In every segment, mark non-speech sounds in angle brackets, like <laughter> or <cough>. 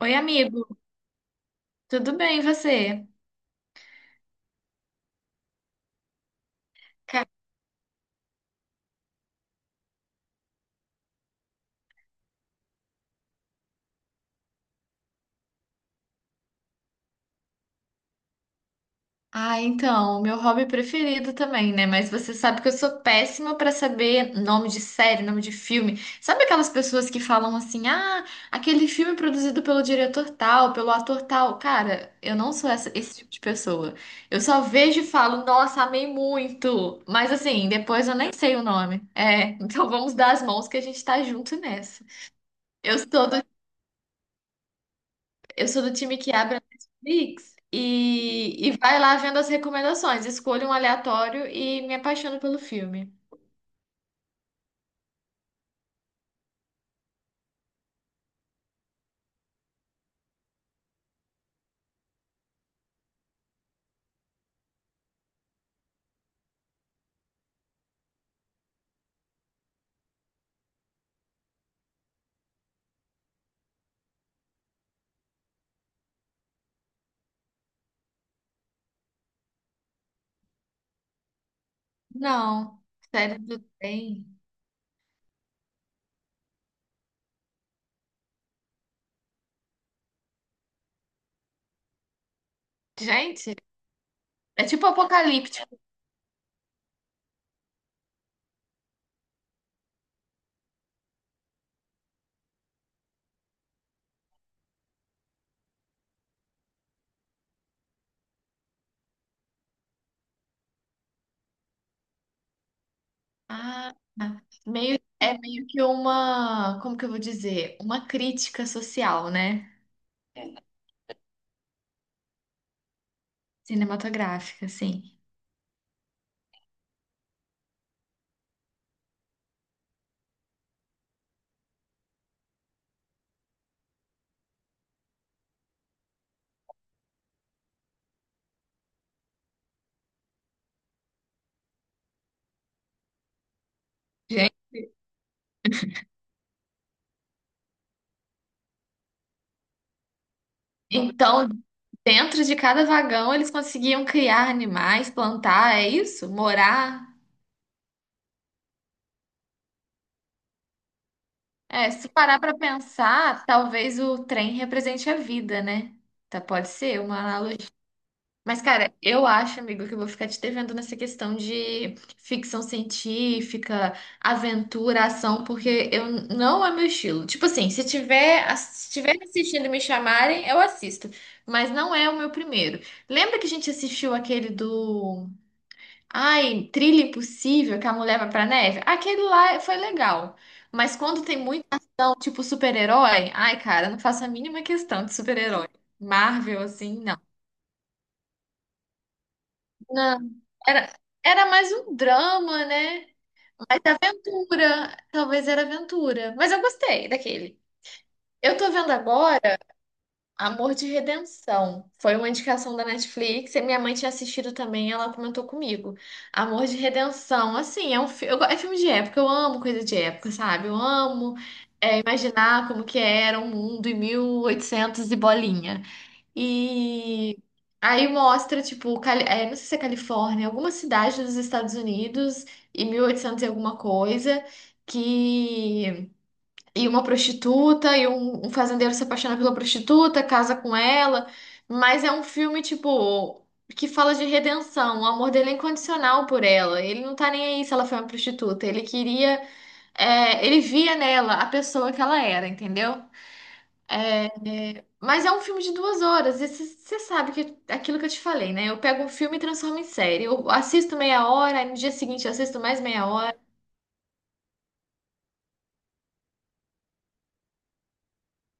Oi, amigo, tudo bem e você? Ca- Ah, então, meu hobby preferido também, né? Mas você sabe que eu sou péssima pra saber nome de série, nome de filme. Sabe aquelas pessoas que falam assim: "Ah, aquele filme produzido pelo diretor tal, pelo ator tal". Cara, eu não sou esse tipo de pessoa. Eu só vejo e falo: "Nossa, amei muito". Mas assim, depois eu nem sei o nome. É, <laughs> então vamos dar as mãos que a gente tá junto nessa. Eu sou do Eu sou do time que abre a Netflix e vai lá vendo as recomendações. Escolho um aleatório e me apaixono pelo filme. Não, série do trem. Gente, é tipo apocalíptico. Ah, é meio que uma, como que eu vou dizer? Uma crítica social, né? Cinematográfica, assim. Gente, então, dentro de cada vagão eles conseguiam criar animais, plantar, é isso? Morar. É, se parar pra pensar, talvez o trem represente a vida, né? Tá, pode ser uma analogia. Mas, cara, eu acho, amigo, que eu vou ficar te devendo nessa questão de ficção científica, aventura, ação, porque eu não é meu estilo. Tipo assim, se tiver assistindo e me chamarem, eu assisto. Mas não é o meu primeiro. Lembra que a gente assistiu aquele do Ai, Trilha Impossível, que a mulher vai pra neve. Aquele lá foi legal. Mas quando tem muita ação, tipo super-herói, ai, cara, não faço a mínima questão de super-herói. Marvel, assim, não. Não. Era, era mais um drama, né? Mas aventura. Talvez era aventura. Mas eu gostei daquele. Eu tô vendo agora. Amor de Redenção. Foi uma indicação da Netflix e minha mãe tinha assistido também, ela comentou comigo. Amor de Redenção, assim, é filme de época, eu amo coisa de época, sabe? Eu amo imaginar como que era o mundo em 1800 e oitocentos e bolinha. E aí mostra, tipo, não sei se é Califórnia, alguma cidade dos Estados Unidos em 1800 e oitocentos e alguma coisa, que e uma prostituta, e um fazendeiro se apaixona pela prostituta, casa com ela, mas é um filme, tipo, que fala de redenção, o amor dele é incondicional por ela. Ele não tá nem aí se ela foi uma prostituta, ele queria, ele via nela a pessoa que ela era, entendeu? Mas é um filme de duas horas, e você sabe que é aquilo que eu te falei, né? Eu pego um filme e transformo em série. Eu assisto meia hora, aí no dia seguinte eu assisto mais meia hora.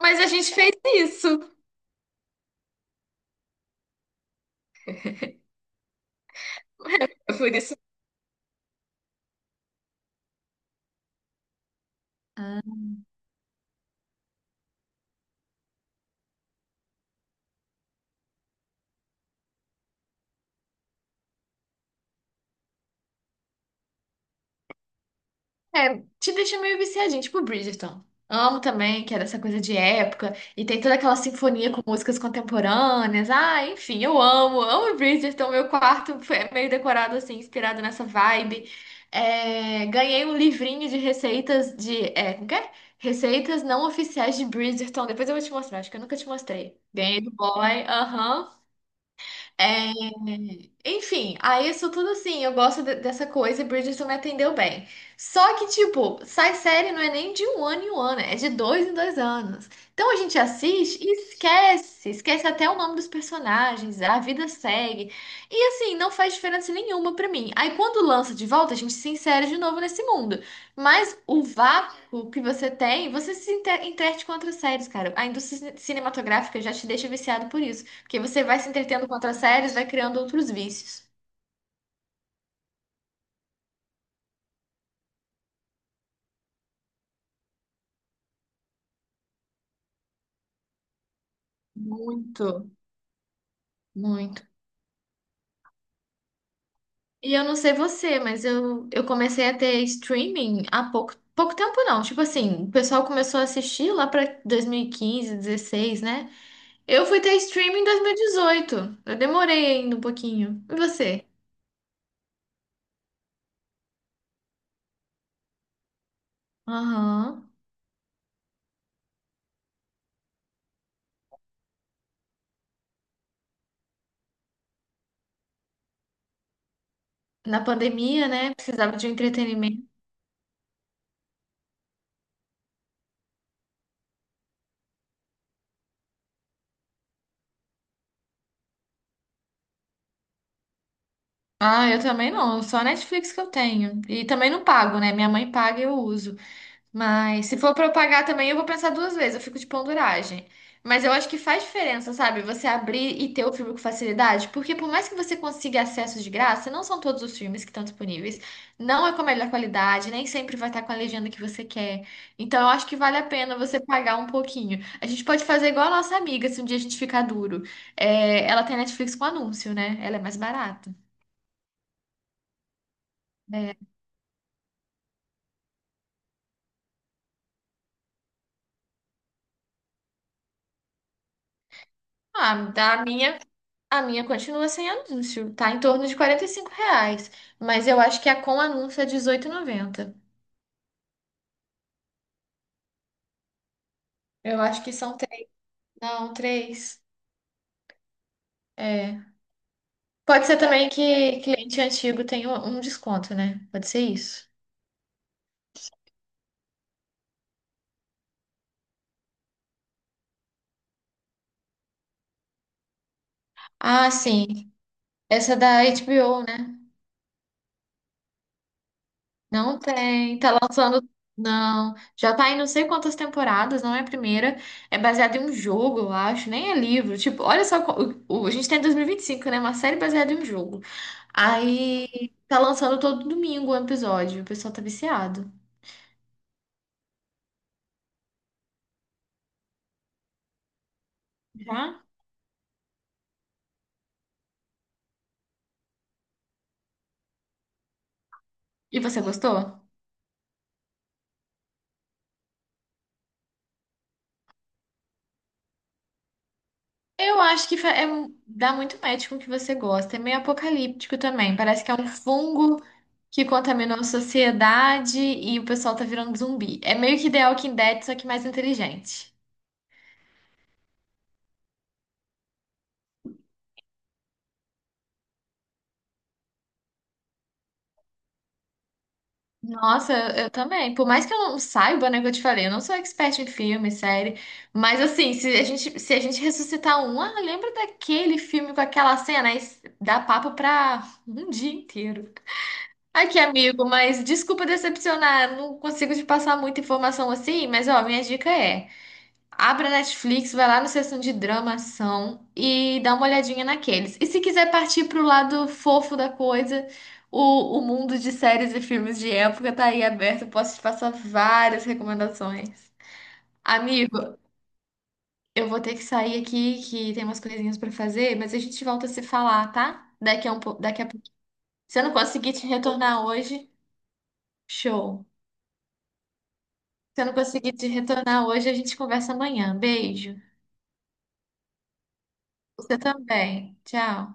Mas a gente fez isso. Por isso É, te deixa meio viciadinho, tipo Bridgerton. Amo também, que é dessa coisa de época, e tem toda aquela sinfonia com músicas contemporâneas. Ah, enfim, eu amo, amo Bridgerton. Meu quarto foi é meio decorado assim, inspirado nessa vibe. É, ganhei um livrinho de receitas de. É, como que é? Receitas não oficiais de Bridgerton. Depois eu vou te mostrar, acho que eu nunca te mostrei. Ganhei do boy, aham. É, enfim, aí isso tudo assim, eu gosto dessa coisa e Bridgerton me atendeu bem. Só que, tipo, sai série não é nem de um ano em um ano, é de dois em dois anos. Então a gente assiste e esquece, esquece até o nome dos personagens, a vida segue. E assim, não faz diferença nenhuma pra mim. Aí quando lança de volta, a gente se insere de novo nesse mundo. Mas o vácuo que você tem, você se entrete com outras séries, cara. A indústria cinematográfica já te deixa viciado por isso. Porque você vai se entretendo com outras séries, vai criando outros vícios. Muito, muito. E eu não sei você, mas eu comecei a ter streaming há pouco, pouco tempo não. Tipo assim, o pessoal começou a assistir lá pra 2015, 16, né? Eu fui ter streaming em 2018. Eu demorei ainda um pouquinho. E você? Aham. Na pandemia, né? Precisava de um entretenimento. Ah, eu também não. Só a Netflix que eu tenho. E também não pago, né? Minha mãe paga e eu uso. Mas se for pra eu pagar também, eu vou pensar duas vezes, eu fico de penduragem. Mas eu acho que faz diferença, sabe? Você abrir e ter o filme com facilidade, porque por mais que você consiga acesso de graça, não são todos os filmes que estão disponíveis, não é com a melhor qualidade, nem sempre vai estar com a legenda que você quer. Então eu acho que vale a pena você pagar um pouquinho. A gente pode fazer igual a nossa amiga, se um dia a gente ficar duro. É, ela tem Netflix com anúncio, né? Ela é mais barata. É. Ah, da minha. A minha continua sem anúncio, tá em torno de 45 reais, mas eu acho que a com anúncio é dezoito e noventa. Eu acho que são três, não, três. É. Pode ser também que cliente antigo tenha um desconto, né? Pode ser isso. Ah, sim. Essa é da HBO, né? Não tem, tá lançando. Não, já tá em não sei quantas temporadas, não é a primeira. É baseado em um jogo, eu acho, nem é livro. Tipo, olha só, co- o- a gente tem dois mil e vinte e cinco, né? Uma série baseada em um jogo. Aí tá lançando todo domingo um episódio, o pessoal tá viciado. Já? E você gostou? Eu acho que dá muito match com o que você gosta. É meio apocalíptico também. Parece que é um fungo que contaminou a sociedade e o pessoal tá virando zumbi. É meio que The Walking Dead, só que mais inteligente. Nossa, eu também. Por mais que eu não saiba, né, que eu te falei, eu não sou expert em filme, série. Mas assim, se a gente ressuscitar um, ah, lembra daquele filme com aquela cena? Aí dá papo pra um dia inteiro. Aqui, amigo, mas desculpa decepcionar, não consigo te passar muita informação assim, mas ó, minha dica é: abre a Netflix, vai lá na seção de drama, ação e dá uma olhadinha naqueles. E se quiser partir pro lado fofo da coisa, o mundo de séries e filmes de época tá aí aberto, posso te passar várias recomendações. Amigo, eu vou ter que sair aqui que tem umas coisinhas pra fazer, mas a gente volta a se falar, tá? Daqui a pouco. Se eu não conseguir te retornar hoje, show. Se eu não conseguir te retornar hoje, a gente conversa amanhã. Beijo. Você também. Tchau.